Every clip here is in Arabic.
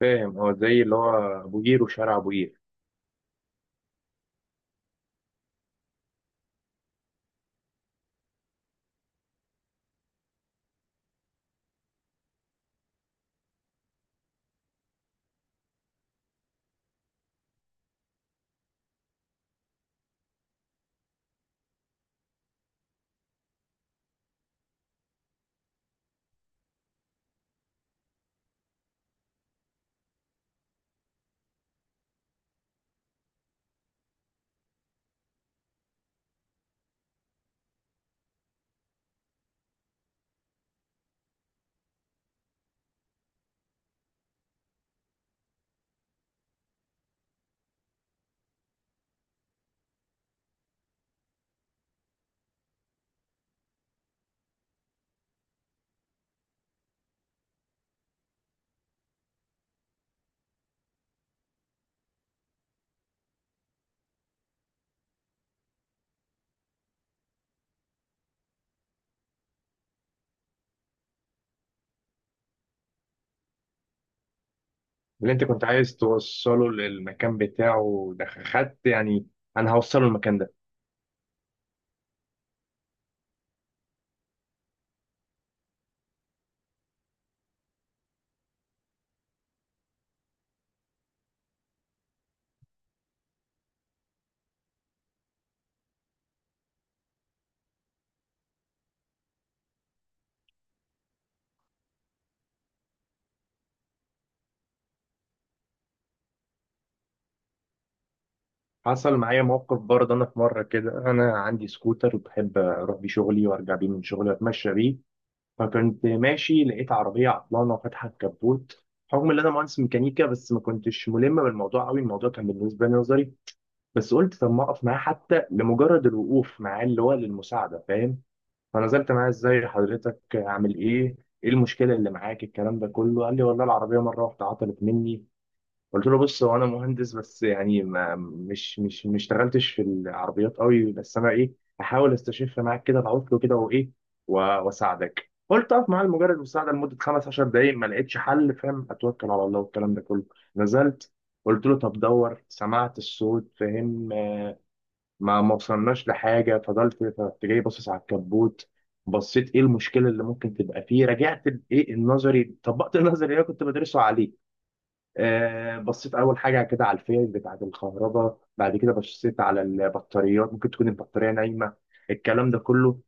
فاهم، هو زي اللي هو ابو قير وشارع ابو قير. اللي انت كنت عايز توصله للمكان بتاعه ده خدت، يعني انا هوصله المكان ده. حصل معايا موقف برضه، انا في مره كده. انا عندي سكوتر وبحب اروح بيه شغلي وارجع بيه من شغلي واتمشى بيه. فكنت ماشي لقيت عربيه عطلانه وفاتحه الكبوت. رغم ان انا مهندس ميكانيكا بس ما كنتش ملم بالموضوع قوي، الموضوع كان بالنسبه لي نظري. بس قلت طب ما اقف معاه حتى لمجرد الوقوف معاه اللي هو للمساعده، فاهم. فنزلت معاه، ازاي حضرتك عامل ايه، ايه المشكله اللي معاك، الكلام ده كله. قال لي والله العربيه مره واحده عطلت مني. قلت له بص، هو انا مهندس بس يعني ما مش مش ما اشتغلتش في العربيات قوي، بس انا ايه، هحاول استشف معاك كده العطل كده وايه و- واساعدك. قلت اقف معاه لمجرد المساعده لمده 15 دقائق ما لقيتش حل، فاهم، اتوكل على الله والكلام ده كله. نزلت، قلت له طب دور، سمعت الصوت، فاهم، ما وصلناش لحاجه. فضلت جاي باصص على الكبوت، بصيت ايه المشكله اللي ممكن تبقى فيه. رجعت ايه النظري، طبقت النظري اللي انا كنت بدرسه عليه. آه، بصيت اول حاجه كده على الفئر بتاعه الكهرباء، بعد كده بصيت على البطاريات، ممكن تكون البطاريه نايمه الكلام ده كله.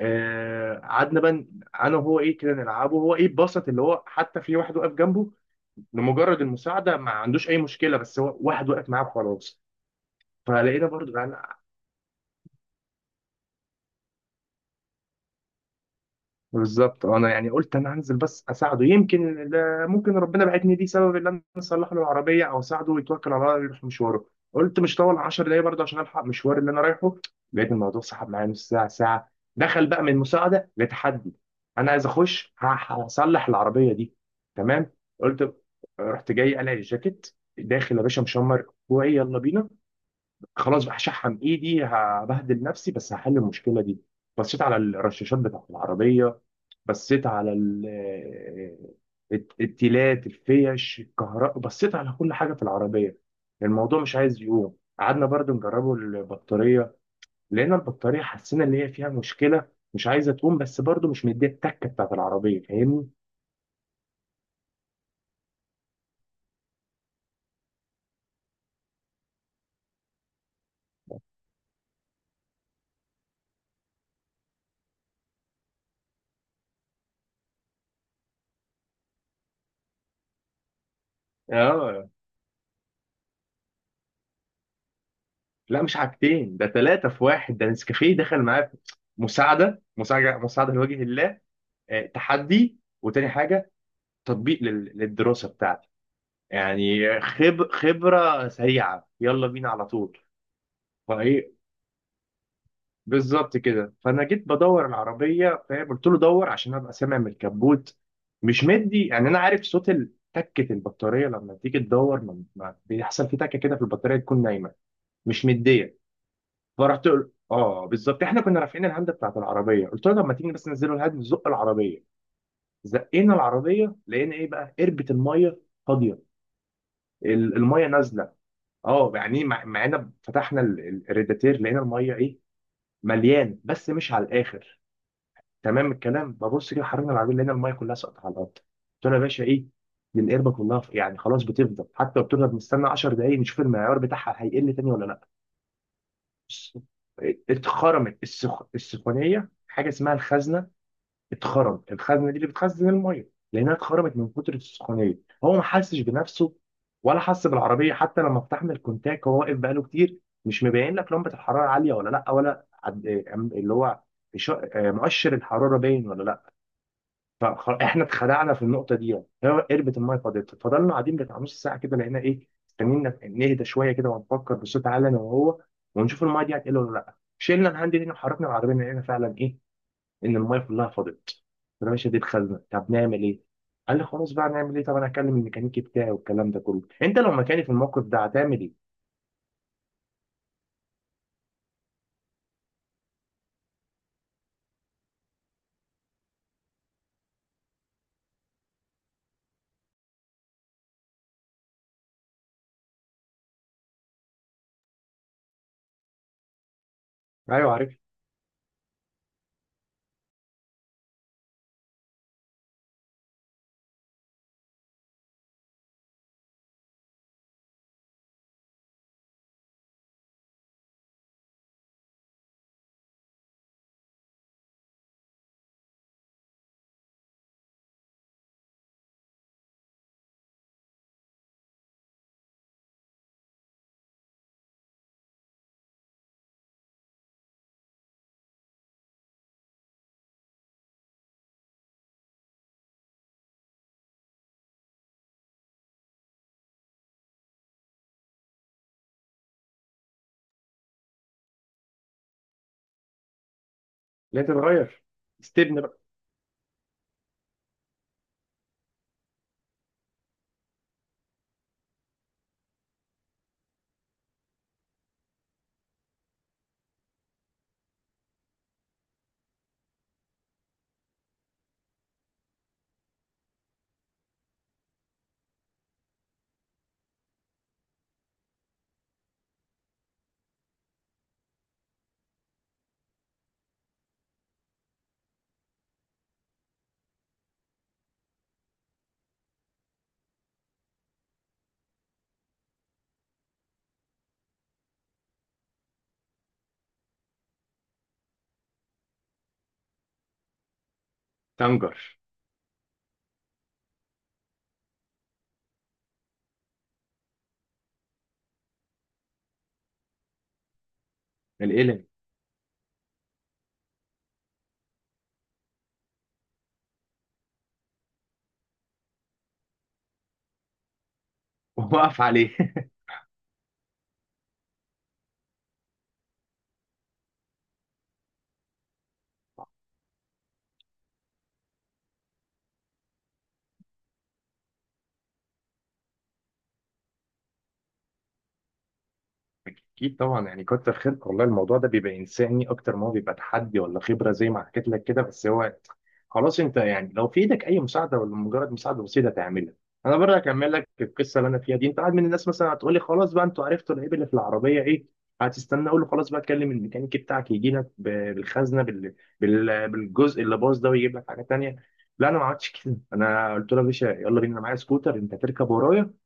آه، قعدنا بقى انا وهو ايه كده نلعبه، هو ايه بسط اللي هو، حتى في واحد واقف جنبه لمجرد المساعده، ما عندوش اي مشكله، بس هو واحد واقف معاه وخلاص. فلقينا برضو يعني بالظبط، آه، انا يعني قلت انا هنزل بس اساعده، يمكن ممكن ربنا بعتني ليه سبب ان انا اصلح له العربيه او اساعده يتوكل على الله يروح مشواره. قلت مش طول 10 دقايق برضه عشان الحق مشوار اللي انا رايحه. لقيت الموضوع سحب معايا نص ساعه ساعه، دخل بقى من مساعده لتحدي، انا عايز اخش هصلح العربيه دي. تمام، قلت رحت جاي قلع الجاكيت، داخل يا باشا مشمر كوعي يلا بينا، خلاص بقى هشحم ايدي هبهدل نفسي بس هحل المشكله دي. بصيت على الرشاشات بتاعت العربيه، بصيت على التيلات، الفيش، الكهرباء، بصيت على كل حاجه في العربيه. الموضوع مش عايز يقوم، قعدنا برضو نجربه البطاريه، لقينا البطاريه حسينا ان هي فيها مشكله، مش عايزه تقوم بس برضو مش مديه التكه بتاعت العربيه، فاهمني. اه، لا مش حاجتين، ده ثلاثه في واحد، ده نسكافيه دخل معايا مساعده مساعده مساعده لوجه الله، آه، تحدي، وتاني حاجة تطبيق للدراسة بتاعتي، يعني خبرة سريعة، يلا بينا على طول. فايه بالظبط كده، فانا جيت بدور العربية، فاهم، قلت له دور عشان ابقى سامع من الكبوت مش مدي، يعني انا عارف صوت تكة البطارية لما تيجي تدور، بيحصل في تكة كده في البطارية تكون نايمة مش مدية. فرحت اه بالظبط، احنا كنا رافعين الهاند بتاعت العربية، قلت له لما تيجي بس ننزلوا الهاند نزق العربية. زقينا العربية لقينا ايه بقى، قربة المية فاضية، الميه نازله. اه يعني إيه، مع ان فتحنا الريداتير لقينا الميه ايه، مليان بس مش على الاخر. تمام الكلام، ببص كده حركنا العربيه لقينا الميه كلها سقطت على الارض، قلت له يا باشا ايه دي، القربه كلها يعني خلاص بتفضل، حتى لو بتفضل بنستنى 10 دقايق نشوف المعيار بتاعها هيقل تاني ولا لا. بص، السخونيه، حاجه اسمها الخزنه، اتخرم الخزنه دي اللي بتخزن الميه لانها اتخرمت من كتر السخونيه. هو ما حسش بنفسه ولا حس بالعربيه، حتى لما فتحنا الكونتاك وهو واقف بقاله كتير مش مبين لك لمبه الحراره عاليه ولا لا، ولا عد... أم- اللي هو إش- آه، مؤشر الحراره باين ولا لا. فاحنا اتخدعنا في النقطه دي، يعني هو قربت الميه فاضت، فضلنا قاعدين بتاع نص ساعه كده لقينا ايه، استنينا نهدى شويه كده ونفكر بصوت عالي انا وهو ونشوف الميه دي هتقل ولا لا. شلنا الهاند دي وحركنا العربيه لقينا فعلا ايه، ان المايه كلها فاضت. فانا مش هديت خزنه، طب نعمل ايه؟ قال لي خلاص بقى نعمل ايه؟ طب انا هكلم الميكانيكي بتاعي والكلام ده كله، انت لو مكاني في الموقف ده هتعمل ايه؟ ايوه عارف. لا تتغير، استبن بقى، تنجر القلم ووقف عليه. اكيد طبعا، يعني كتر خيرك والله. الموضوع ده بيبقى انساني اكتر ما هو بيبقى تحدي ولا خبره، زي ما حكيت لك كده. بس هو خلاص، انت يعني لو في ايدك اي مساعده ولا مجرد مساعده بسيطه تعملها. انا برضه هكمل لك القصه اللي انا فيها دي. انت واحد من الناس مثلا هتقول لي خلاص بقى انتوا عرفتوا العيب اللي في العربيه ايه، هتستنى اقول له خلاص بقى كلم الميكانيكي بتاعك يجي لك بالخزنه، بالجزء اللي باظ ده ويجيب لك حاجه تانيه. لا انا ما عملتش كده، انا قلت له يا باشا يلا بينا، أنا معايا سكوتر انت هتركب ورايا،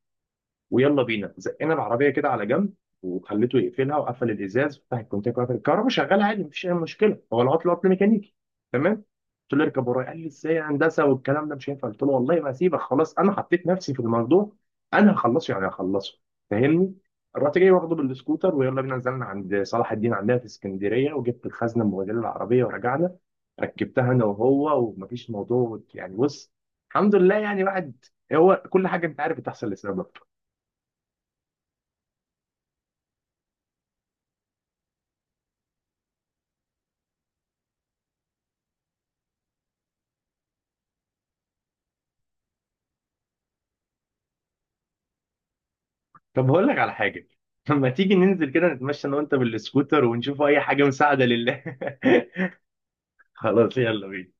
ويلا بينا. زقنا العربيه كده على جنب، وخليته يقفلها، وقفل الازاز وفتح الكونتاكت وقفل الكهرباء، شغاله عادي مفيش اي مشكله، هو العطل عطل ميكانيكي، تمام. قلت له اركب ورايا، قال لي ازاي يا هندسه والكلام ده مش هينفع، قلت له والله ما هسيبك، خلاص انا حطيت نفسي في الموضوع، انا هخلصه، يعني هخلصه، فاهمني. رحت جاي واخده بالسكوتر ويلا بينا، نزلنا عند صلاح الدين عندنا في اسكندريه وجبت الخزنه المبهدله العربيه ورجعنا. ركبتها انا وهو ومفيش موضوع، يعني بص، الحمد لله يعني. واحد هو كل حاجه، انت عارف، بتحصل لسبب. طب هقول لك على حاجة، لما تيجي ننزل كده نتمشى انا وانت بالسكوتر ونشوف اي حاجة مساعدة لله. خلاص يلا بينا.